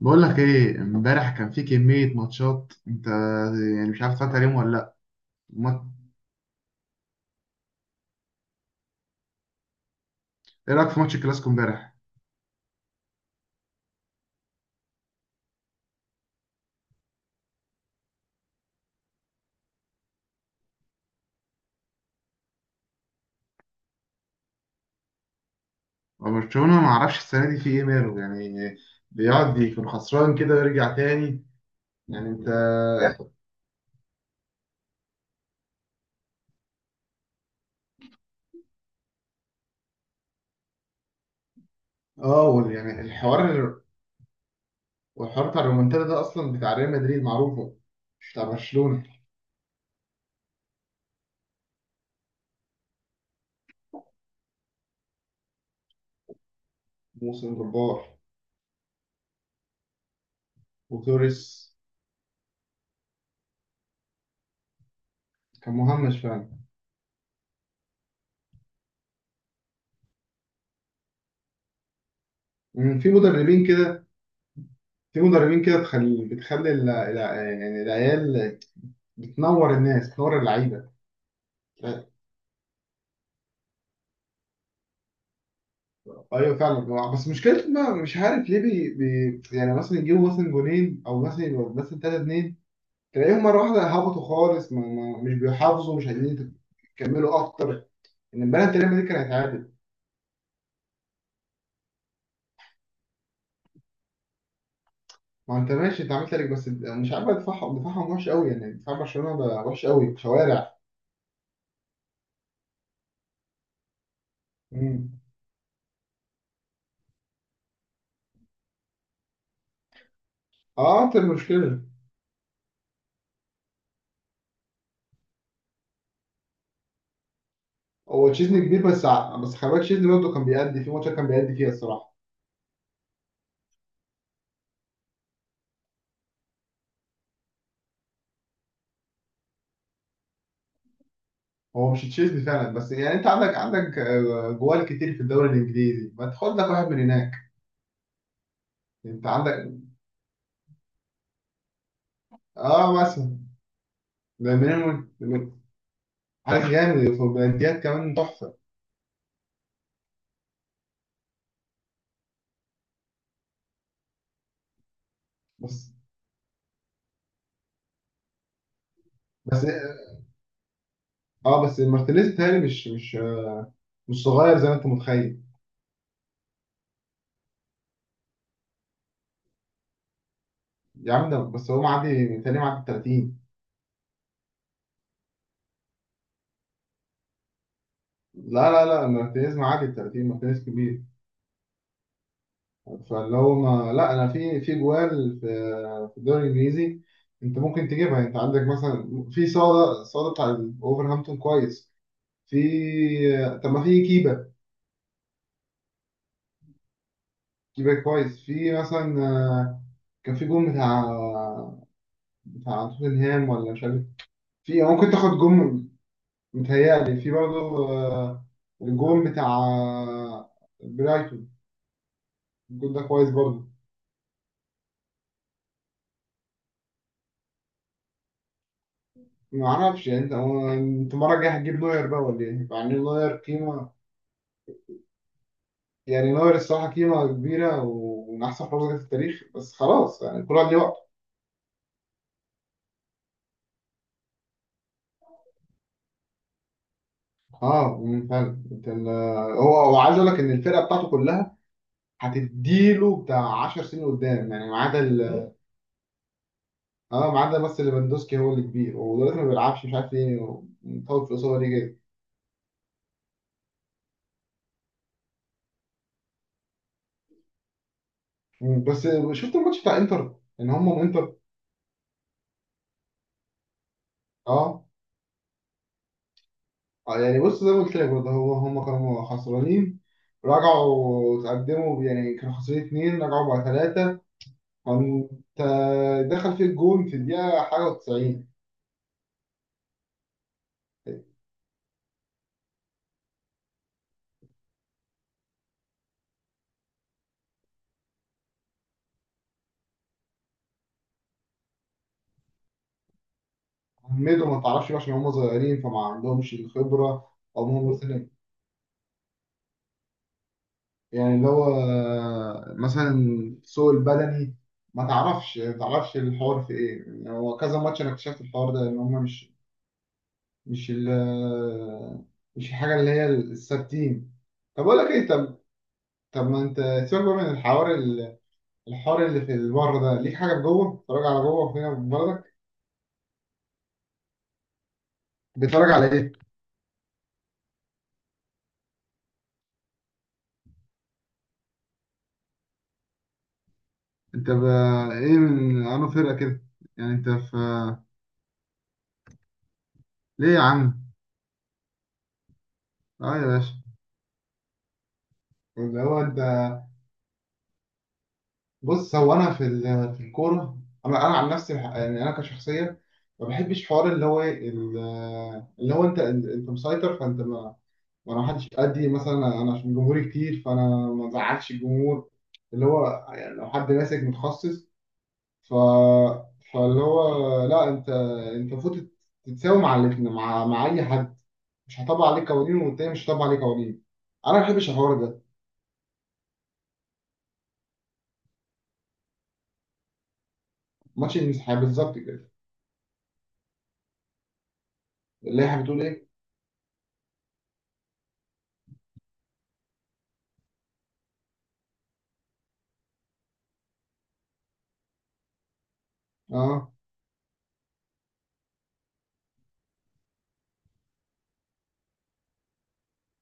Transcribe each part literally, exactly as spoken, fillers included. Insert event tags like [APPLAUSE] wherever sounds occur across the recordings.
بقول لك ايه، امبارح كان في كمية ماتشات. انت يعني مش عارف اتفرجت عليهم ولا لا؟ ما... ايه رأيك في ماتش الكلاسيكو امبارح؟ برشلونة ما اعرفش السنة دي في ايه، ماله يعني، بيقعد يكون خسران كده ويرجع تاني. يعني انت. اه وال- يعني الحوار، والحوار بتاع الرومنتادا ده اصلا بتاع ريال مدريد، معروفة، مش بتاع برشلونة. موسم جبار. وتوريس. كان مهمش فعلا. مم، في مدربين كده، في مدربين كده تخلي بتخلي ال- ال- يعني العيال، بتنور الناس، بتنور اللعيبة. ايوه فعلا. بس مشكلته، ما مش عارف ليه، بي... بي... يعني مثلا يجيبوا مثلا جونين، او مثلا يبقوا مثلا تلاتة اتنين، تلاقيهم مره واحده هبطوا خالص، ما... ما... مش بيحافظوا، مش عايزين يكملوا اكتر. ان البلد تقريبا دي كان هيتعادل. ما انت ماشي، انت عملت لك، بس مش عارف دفاعهم، دفاعهم وحش قوي، يعني دفاع برشلونه بقى وحش قوي شوارع. مم. اه، انت المشكله. هو تشيزني كبير، بس ع- بس خلي بالك تشيزني برضه كان بيأدي، في ماتش كان بيأدي فيها الصراحه. هو مش تشيلسي فعلا، بس يعني انت عندك عندك آه، جوال كتير في الدوري الانجليزي، ما تاخد لك واحد من هناك؟ انت عندك. اه مثلا. ده من من- عارف، جامد في البلانتيات كمان، تحفه. بس بس اه، بس مارتينيز تاني، مش مش مش صغير زي ما انت متخيل. يا عم، ده بس هو معدي تاني، معدي ال تلاتين. لا لا لا، مارتينيز معدي ال تلاتين، مارتينيز كبير. فاللي هو ما، لا، انا في في جوال، في في الدوري الانجليزي انت ممكن تجيبها. انت عندك مثلا في صاله صاله بتاع اوفرهامبتون، كويس. في، طب ما في كيبا. كيبا كويس. في مثلا، آه، كان في جون بتاع بتاع توتنهام ولا مش عارف، في، ممكن تاخد جون. متهيألي في برضه آه، الجون بتاع آه، برايتون، الجون ده كويس برضه. ما اعرفش يعني انت، هو انت المره الجايه هتجيب نوير بقى ولا ايه؟ يعني نوير قيمه. يعني نوير الصراحة قيمة كبيرة، ومن أحسن حراس جت في التاريخ. بس خلاص، يعني كل واحد ليه وقته. اه، مم، فعلا. أنت ال- هو، هو عايز أقول لك إن الفرقة بتاعته كلها هتديله بتاع 10 سنين قدام، يعني ما عدا ال- اه، ما عدا بس ليفاندوسكي، هو اللي كبير، ودلوقتي ما بيلعبش، مش عارف ليه مطول في الإصابة دي جاي. مم، بس. شفت الماتش بتاع إنتر؟ إن هم من إنتر. اه. آه، يعني بص، زي ما قلت لك برضه، هو هم كانوا خسرانين، رجعوا تقدموا، يعني كانوا خسرانين اتنين رجعوا بقى ثلاثة. كنت. دخل فيه الجون في الدقيقة حاجة و90. عمدوا، ما تعرفش بقى، عشان هم صغيرين فما عندهمش الخبرة. أو هم مثلا، يعني اللي هو، مثلا، سوق البدني، ما تعرفش ما تعرفش الحوار في إيه، يعني هو كذا ماتش أنا اكتشفت الحوار ده، إن هم مش مش ال مش الحاجة اللي هي الثابتين. طب أقول لك إيه؟ طب، طب ما أنت سيبك بقى من الحوار ال- الحوار اللي في بره ده، ليك حاجة في جوه؟ بتتفرج على جوه فينا في بلدك؟ بتتفرج على إيه؟ انت بقى ايه، من انو فرقه كده؟ يعني انت في. ليه يا عم؟ اه يا باشا. اللي هو انت، بص، هو انا في ال- في الكوره، انا انا عن نفسي بح- يعني انا كشخصيه، ما بحبش حوار اللي هو ايه ال- اللي هو انت انت مسيطر، فانت ما، ما انا حدش قدي، مثلا انا عشان جمهوري كتير، فانا ما ازعلش الجمهور، اللي هو يعني لو حد ماسك متخصص. ف، فاللي هو، لا، انت انت المفروض تتساوي مع الاتنين- مع مع اي حد، مش هطبق عليه قوانين والتاني مش هطبق عليه قوانين. انا ما بحبش الحوار ده. ماتش المسيحية بالظبط كده. اللائحه بتقول ايه؟ اه،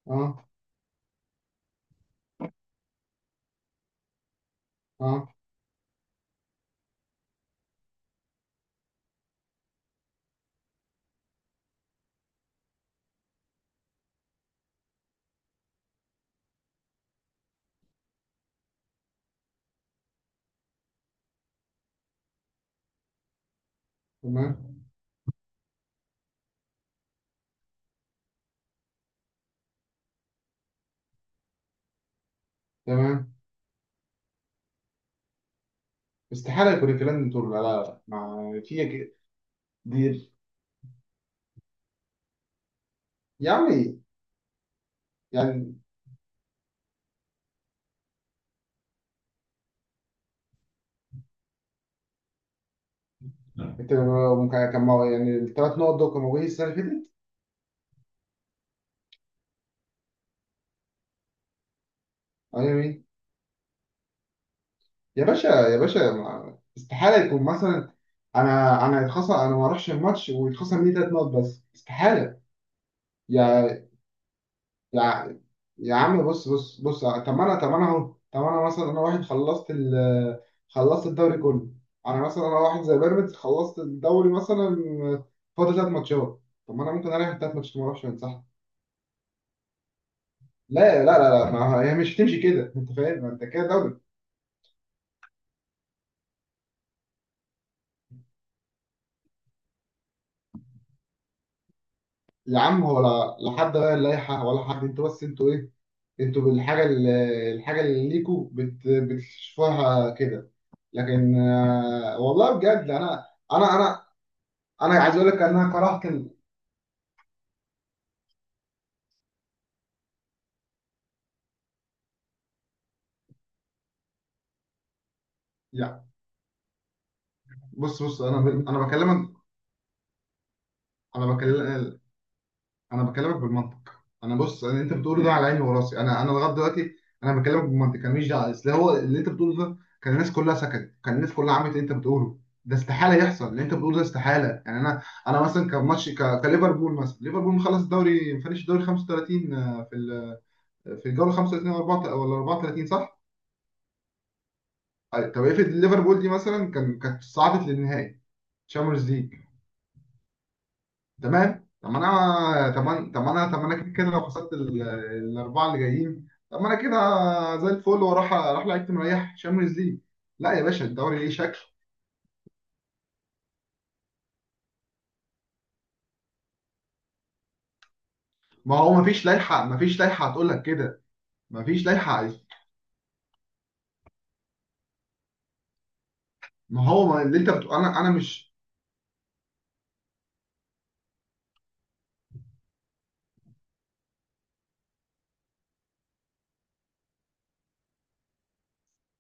اه، اه. تمام. تمام. استحاله يكون الكلام ده طول، لا لا لا ما في ك- دي. يا عمي، يعني انت ممكن كان مو- يعني الثلاث نقط دول كانوا موجودين السنه اللي فاتت. ايوه، يا مين؟ يا باشا يا باشا، ما- استحاله يكون مثلا، انا انا يتخصم، انا ما اروحش الماتش ويتخصم لي ثلاث نقط بس؟ استحاله. يعني، يا، يا عم بص بص بص، طب ما انا طب ما انا اهو، طب انا مثلا، انا واحد خلصت ال خلصت الدوري كله. انا مثلا انا واحد زي بيراميدز، خلصت الدوري مثلا، فاضل ثلاث ماتشات. طب ما انا ممكن اريح الثلاث ماتشات، ما اروحش، انسحب. لا لا لا. لا ما هي مش تمشي كده. [LAUGHS] انت فاهم؟ ما انت كده دوري. يا عم، هو لا، لا حد غير اللائحه ولا حد، انتوا بس انتوا ايه، انتوا بالحاجه اللي، الحاجه اللي ليكوا بت... بتشوفوها كده. لكن آه، والله بجد انا، انا انا انا عايز اقول لك ان انا كرهت. يعني بص بص، انا ب... انا بكلمك، انا بكلم، انا بكلمك بالمنطق انا، بص، انا انت بتقوله ده على عيني وراسي، انا انا لغايه دلوقتي انا بكلمك بالمنطق، انا ماليش دعوه. اصل هو اللي انت بتقوله ده، كان الناس كلها سكتت، كان الناس كلها عملت اللي انت بتقوله. ده استحاله يحصل، اللي انت بتقوله ده استحاله. يعني انا، انا مثلا كماتش، ك... كليفربول مثلا، ليفربول مخلص الدوري، فinish الدوري خمسة وتلاتين، آه، في ال... في الجوله الخامسة والتلاتين ولا اربعة ولا الرابعة والتلاتين صح؟ أي- طب افرض ليفربول دي مثلا كان كانت صعدت للنهائي تشامبيونز ليج. تمام. طب ما انا، طب ما أنا- طب ما انا طب ما انا كده، كده لو خسرت ال- الاربعه اللي جايين، طب ما انا كده زي الفل، واروح، اروح لعيبه مريح شامبيونز ليج. لا يا باشا، الدوري ليه شكل. ما هو ما فيش لائحه، ما فيش لائحه هتقول لك كده. ما فيش لائحه عايز- ما هو، ما اللي انت بتقول، انا انا مش.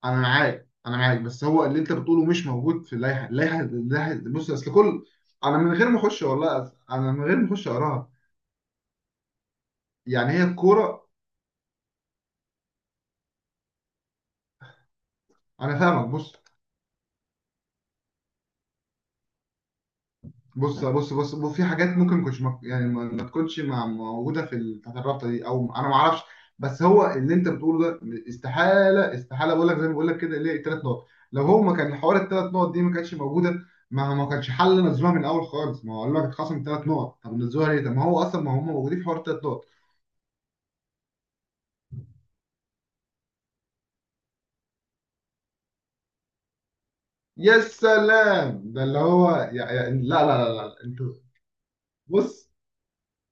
انا معاك، انا معاك، بس هو اللي انت بتقوله مش موجود في اللائحه، اللائحه اللائحه بص اصل كل. انا من غير ما اخش، والله أص- انا من غير ما اخش اقراها. يعني هي الكوره. انا فاهمك. بص بص بص بص بص، في حاجات ممكن ما كنتش مك... يعني ما ما تكونش مع- موجوده في ال- بتاعت الرابطه دي، او انا ما اعرفش. بس هو اللي انت بتقوله ده استحاله استحاله بقول لك، زي ما بقول لك كده، ليه الثلاث نقط؟ لو هو ما كان حوار الثلاث نقط دي ما كانتش موجوده، ما ما كانش حل نزلوها من الاول خالص. ما هو قالوا لك اتخصم ثلاث نقط، طب نزلوها ليه؟ طب ما هو اصلا ما هم موجودين في حوار الثلاث نقط. يا سلام، ده اللي هو، يا يا لا لا لا لا انتوا. بص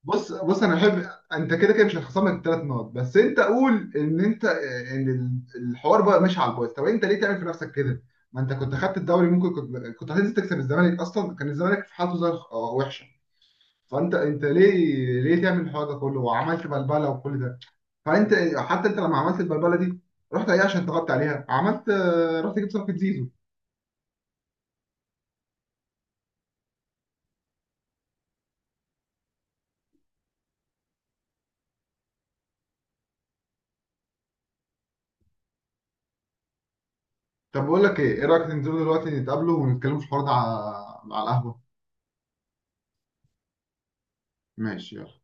بص بص، انا احب، انت كده كده مش هتخصمك الثلاث نقط، بس انت قول ان انت، ان ال- الحوار بقى ماشي على البايظ. طب انت ليه تعمل في نفسك كده؟ ما انت كنت خدت الدوري، ممكن كنت كنت هتنزل تكسب الزمالك، اصلا كان الزمالك في حالته زي الخ- آه، وحشه. فانت، انت ليه ليه تعمل الحوار ده كله، وعملت بلبله وكل ده؟ فانت حتى انت لما عملت البلبله دي، رحت ايه عشان تغطي عليها؟ عملت، آه، رحت جبت صفقه زيزو. طب بقول لك ايه، ايه رايك ننزلوا دلوقتي نتقابلوا ونتكلموا في الحوار ده على على القهوه؟ ماشي، يلا.